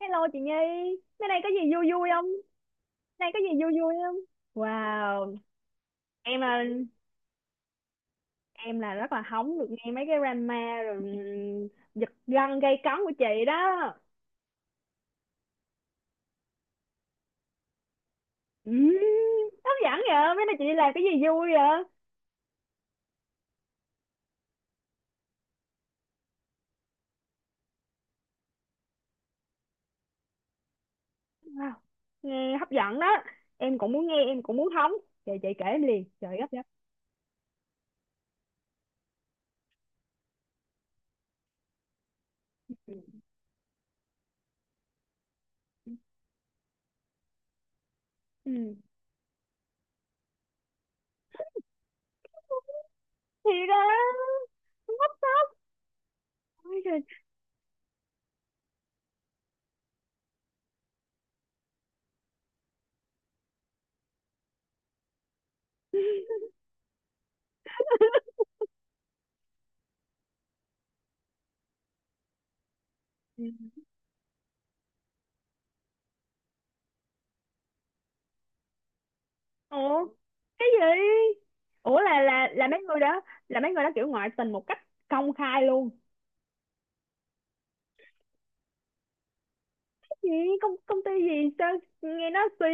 Hello chị Nhi, mấy này có gì vui vui không? Này có gì vui vui không? Wow, em là, em là rất là hóng được nghe mấy cái drama rồi giật gân gây cấn của chị đó. Ừm, Hấp dẫn vậy, mấy này chị đi làm cái gì vui vậy? Wow, nghe hấp dẫn đó. Em cũng muốn nghe, em cũng muốn hóng. Chị kể em liền, trời gấp gấp. Ừ. Ừ. Thì đó, không hấp tấp. Ôi trời. Ủa, cái gì? Ủa là là là mấy người đó kiểu ngoại tình một cách công khai luôn. Cái gì? Công công ty gì sao? Nghe nó suy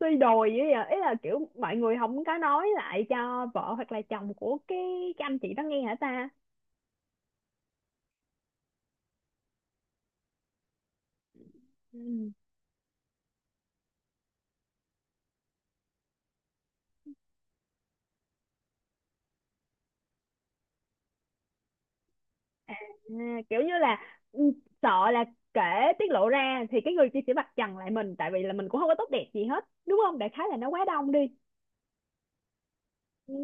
suy đồi vậy vậy Ý là kiểu mọi người không có nói lại cho vợ hoặc là chồng của cái anh chị đó nghe hả ta? Ừ. À, kiểu như là, ừ, sợ là kể, tiết lộ ra thì cái người kia sẽ vạch trần lại mình, tại vì là mình cũng không có tốt đẹp gì hết đúng không, đại khái là nó quá đông đi. Ừ.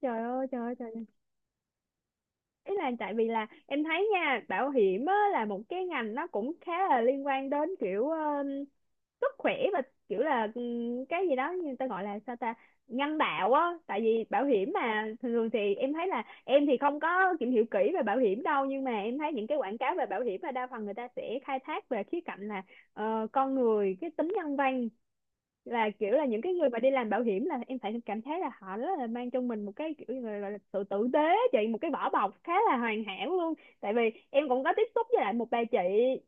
Trời ơi, trời ơi, trời. Ý là tại vì là em thấy nha, bảo hiểm á, là một cái ngành nó cũng khá là liên quan đến kiểu sức khỏe và kiểu là, cái gì đó người ta gọi là sao ta, nhân đạo á. Tại vì bảo hiểm mà thường thường thì em thấy là, em thì không có tìm hiểu kỹ về bảo hiểm đâu nhưng mà em thấy những cái quảng cáo về bảo hiểm là đa phần người ta sẽ khai thác về khía cạnh là con người, cái tính nhân văn. Là kiểu là những cái người mà đi làm bảo hiểm là em phải cảm thấy là họ rất là mang trong mình một cái kiểu như là sự tử tế. Chị một cái vỏ bọc khá là hoàn hảo luôn, tại vì em cũng có tiếp xúc với lại một bà chị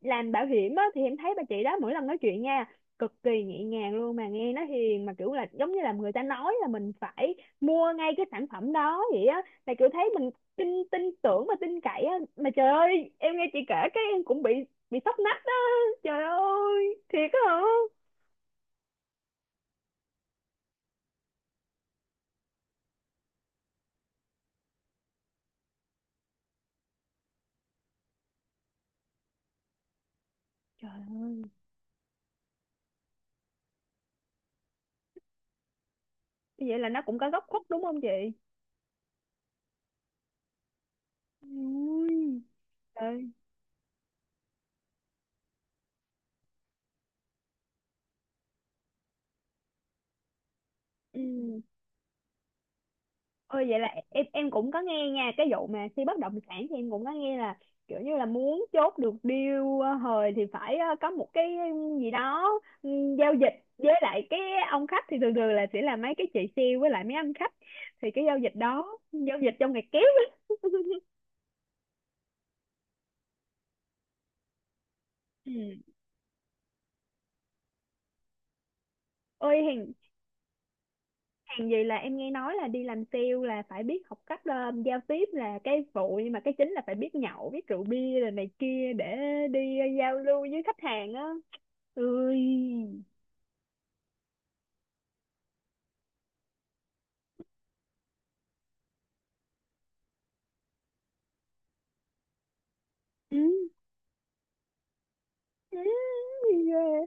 làm bảo hiểm á, thì em thấy bà chị đó mỗi lần nói chuyện nha, cực kỳ nhẹ nhàng luôn mà nghe nó hiền, mà kiểu là giống như là người ta nói là mình phải mua ngay cái sản phẩm đó vậy á, là kiểu thấy mình tin tin tưởng và tin cậy á. Mà trời ơi, em nghe chị kể cái em cũng bị sốc nách đó, trời ơi, thiệt á hả? Trời ơi, vậy là nó cũng có góc khuất đúng không chị? Ui. Trời. Ừ. Ôi, vậy là em cũng có nghe nha cái vụ mà khi bất động sản, thì em cũng có nghe là kiểu như là muốn chốt được deal hời thì phải có một cái, gì đó, ừ, giao dịch với lại cái ông khách, thì thường thường là sẽ là mấy cái chị sale với lại mấy anh khách, thì cái giao dịch đó, giao dịch trong ngày kép á. Ừ. Ôi hèn hàng gì, là em nghe nói là đi làm sale là phải biết học cách giao tiếp là cái phụ, nhưng mà cái chính là phải biết nhậu biết rượu bia rồi này kia để đi giao lưu với khách hàng á. Ui. Ừ. Ừ. Ghê.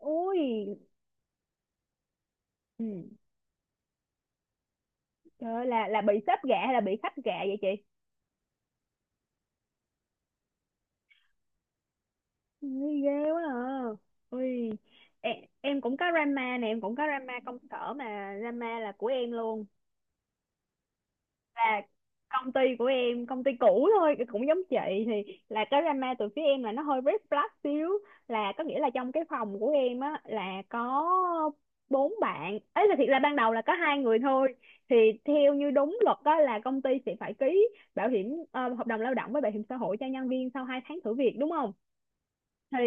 Ui. Ừ. Trời ơi, là bị sếp gạ hay là bị khách gạ vậy chị? Ui ghê quá à. Ui. Em, em cũng có drama nè, em cũng có drama công sở mà drama là của em luôn. Là công ty của em, công ty cũ thôi, cũng giống chị. Thì là cái drama từ phía em là nó hơi red flag xíu, là có nghĩa là trong cái phòng của em á, là có bốn bạn ấy, là thiệt là ban đầu là có hai người thôi. Thì theo như đúng luật đó là công ty sẽ phải ký bảo hiểm, hợp đồng lao động với bảo hiểm xã hội cho nhân viên sau hai tháng thử việc, đúng không? Thì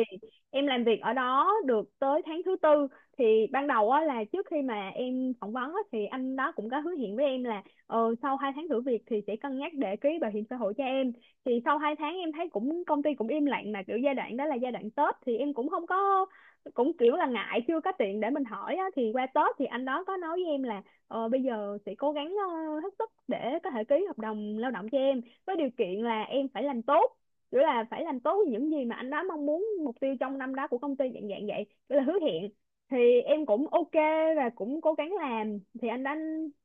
em làm việc ở đó được tới tháng thứ tư. Thì ban đầu á, là trước khi mà em phỏng vấn á, thì anh đó cũng có hứa hẹn với em là sau hai tháng thử việc thì sẽ cân nhắc để ký bảo hiểm xã hội cho em. Thì sau hai tháng em thấy cũng, công ty cũng im lặng, mà kiểu giai đoạn đó là giai đoạn Tết thì em cũng không có, cũng kiểu là ngại, chưa có tiền để mình hỏi á. Thì qua Tết thì anh đó có nói với em là, bây giờ sẽ cố gắng hết sức để có thể ký hợp đồng lao động cho em, với điều kiện là em phải làm tốt, kiểu là phải làm tốt những gì mà anh đó mong muốn, mục tiêu trong năm đó của công ty, dạng dạng vậy, kiểu là hứa hẹn. Thì em cũng ok và cũng cố gắng làm. Thì anh đã,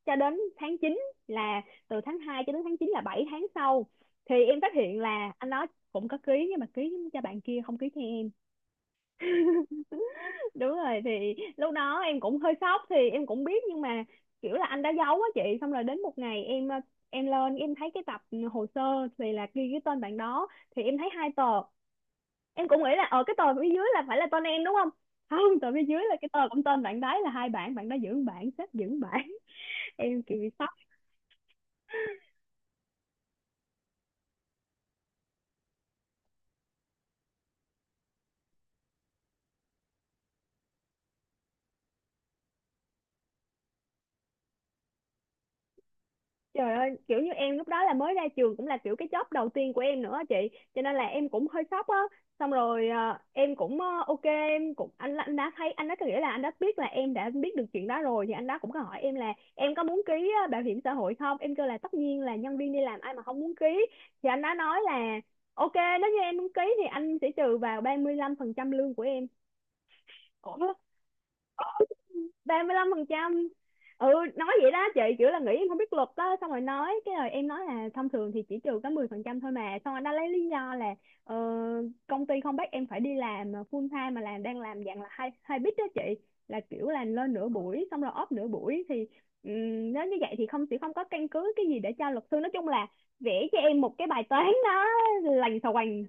cho đến tháng chín, là từ tháng 2 cho đến tháng 9 là 7 tháng sau, thì em phát hiện là anh đó cũng có ký nhưng mà ký cho bạn kia, không ký cho em. Đúng rồi, thì lúc đó em cũng hơi sốc, thì em cũng biết nhưng mà kiểu là anh đã giấu á chị, xong rồi đến một ngày em lên em thấy cái tập hồ sơ thì là ghi cái tên bạn đó. Thì em thấy hai tờ, em cũng nghĩ là cái tờ phía dưới là phải là tên em, đúng không? Không, tờ phía dưới là cái tờ cũng tên bạn đấy, là hai bạn bạn đó giữ, bạn sếp giữ bạn. Em kiểu bị. Trời ơi, kiểu như em lúc đó là mới ra trường, cũng là kiểu cái job đầu tiên của em nữa á chị, cho nên là em cũng hơi sốc á. Xong rồi em cũng ok, em cũng anh đã thấy anh đã, có nghĩa là anh đã biết là em đã biết được chuyện đó rồi, thì anh đó cũng có hỏi em là em có muốn ký bảo hiểm xã hội không? Em kêu là tất nhiên là nhân viên đi làm ai mà không muốn ký. Thì anh đã nói là, ok, nếu như em muốn ký thì anh sẽ trừ vào 35% lương của em. Ủa? 35%. Ừ, nói vậy đó chị, kiểu là nghĩ em không biết luật đó, xong rồi nói cái rồi em nói là thông thường thì chỉ trừ có 10% thôi. Mà xong rồi nó lấy lý do là ờ, công ty không bắt em phải đi làm full time mà làm, đang làm dạng là hai hai bít đó chị, là kiểu là lên nửa buổi xong rồi off nửa buổi. Thì nếu như vậy thì không, sẽ không có căn cứ cái gì để cho luật sư, nói chung là vẽ cho em một cái bài toán đó, lành xà quành.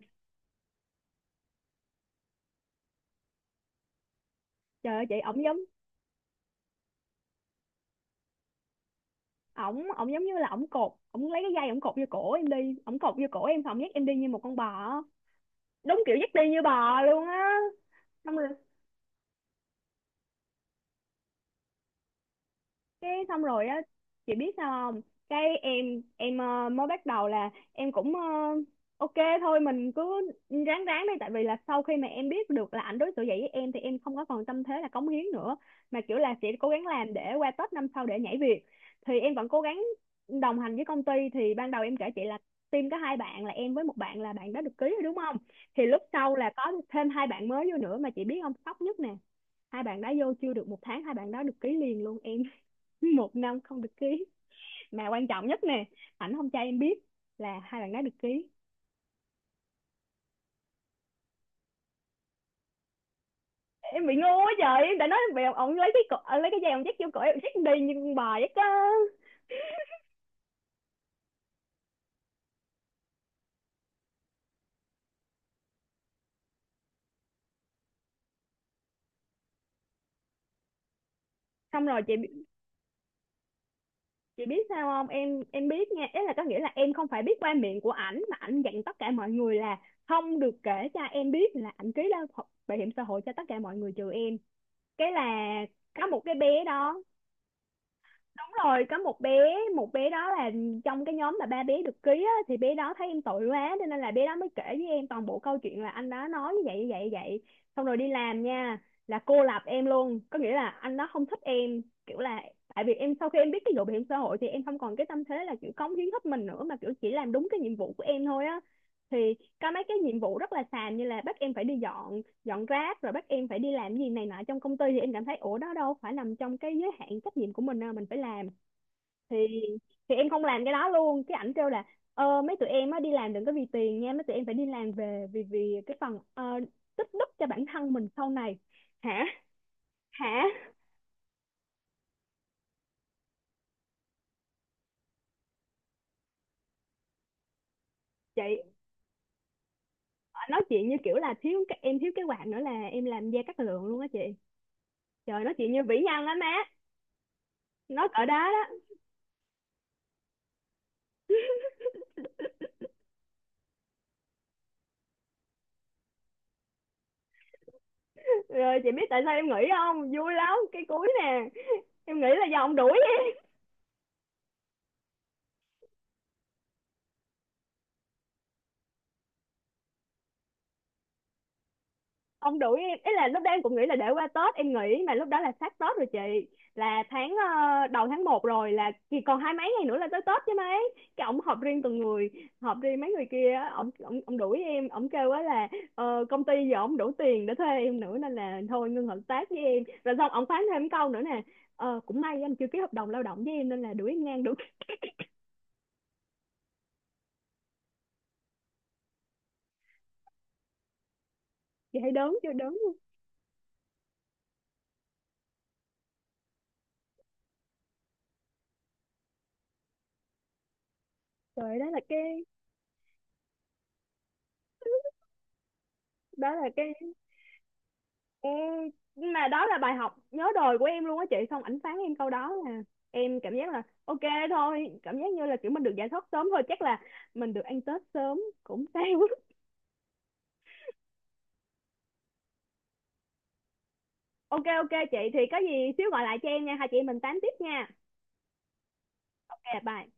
Trời ơi chị, ổng giống như là ổng cột, ổng lấy cái dây ổng cột vô cổ em đi, ổng cột vô cổ em xong ổng dắt em đi như một con bò, đúng kiểu dắt đi như bò luôn á. Xong rồi, cái xong rồi á, chị biết sao không, cái em mới bắt đầu là em cũng ok, thôi mình cứ ráng ráng đi, tại vì là sau khi mà em biết được là ảnh đối xử vậy với em thì em không có còn tâm thế là cống hiến nữa, mà kiểu là sẽ cố gắng làm để qua Tết năm sau để nhảy việc. Thì em vẫn cố gắng đồng hành với công ty. Thì ban đầu em kể chị là team có hai bạn, là em với một bạn, là bạn đã được ký rồi, đúng không? Thì lúc sau là có thêm hai bạn mới vô nữa, mà chị biết không, sốc nhất nè, hai bạn đã vô chưa được một tháng, hai bạn đã được ký liền luôn em. Một năm không được ký, mà quan trọng nhất nè, ảnh không cho em biết là hai bạn đó được ký. Em bị ngu quá trời, em đã nói bị ông lấy cái cổ, lấy cái dây ông dắt vô cổ em dắt đi như con bò vậy cơ. Xong rồi chị biết sao không, em biết nha, ý là có nghĩa là em không phải biết qua miệng của ảnh, mà ảnh dặn tất cả mọi người là không được kể cho em biết là ảnh ký lao bảo hiểm xã hội cho tất cả mọi người trừ em. Cái là có một cái bé đó, đúng rồi, có một bé, đó là trong cái nhóm mà ba bé được ký á, thì bé đó thấy em tội quá cho nên là bé đó mới kể với em toàn bộ câu chuyện là anh đó nói như vậy, như vậy, như vậy. Xong rồi đi làm nha, là cô lập em luôn, có nghĩa là anh đó không thích em, kiểu là tại vì em sau khi em biết cái vụ bảo hiểm xã hội thì em không còn cái tâm thế là kiểu cống hiến hết mình nữa, mà kiểu chỉ làm đúng cái nhiệm vụ của em thôi á. Thì có mấy cái nhiệm vụ rất là xàm, như là bắt em phải đi dọn dọn rác, rồi bắt em phải đi làm gì này nọ trong công ty, thì em cảm thấy ủa, đó đâu phải nằm trong cái giới hạn trách nhiệm của mình đâu mình phải làm. Thì thì em không làm cái đó luôn, cái ảnh kêu là mấy tụi em á đi làm đừng có vì tiền nha, mấy tụi em phải đi làm về vì, cái phần tích đức cho bản thân mình sau này. Hả? Hả chị? Ờ, nói chuyện như kiểu là thiếu cái, em thiếu cái quạt nữa là em làm da cát lượng luôn á chị. Trời, nói chuyện như vĩ nhân á má, nói cỡ đó đó. Rồi chị biết tại sao em nghĩ không vui lắm cái cuối nè, em nghĩ là do ông đuổi em. Ý là lúc đó em cũng nghĩ là để qua Tết em nghỉ, mà lúc đó là sát Tết rồi chị, là tháng đầu tháng một rồi, là chỉ còn hai mấy ngày nữa là tới Tết chứ mấy. Cái ổng họp riêng từng người, họp riêng mấy người kia á, ổng ổng ổng đuổi em, ổng kêu á là công ty giờ ổng đủ tiền để thuê em nữa nên là thôi ngưng hợp tác với em rồi, xong ổng phán thêm câu nữa nè, cũng may anh chưa ký hợp đồng lao động với em nên là đuổi em ngang được. Chị thấy đớn chưa, đớn luôn trời. Đó là cái. Ừ, nhưng mà đó là bài học nhớ đời của em luôn á chị, xong ảnh phán em câu đó là em cảm giác là ok thôi, cảm giác như là kiểu mình được giải thoát sớm thôi, chắc là mình được ăn Tết sớm cũng sao. Ok, ok chị thì có gì xíu gọi lại cho em nha, hai chị em mình tám tiếp nha. Ok, bye.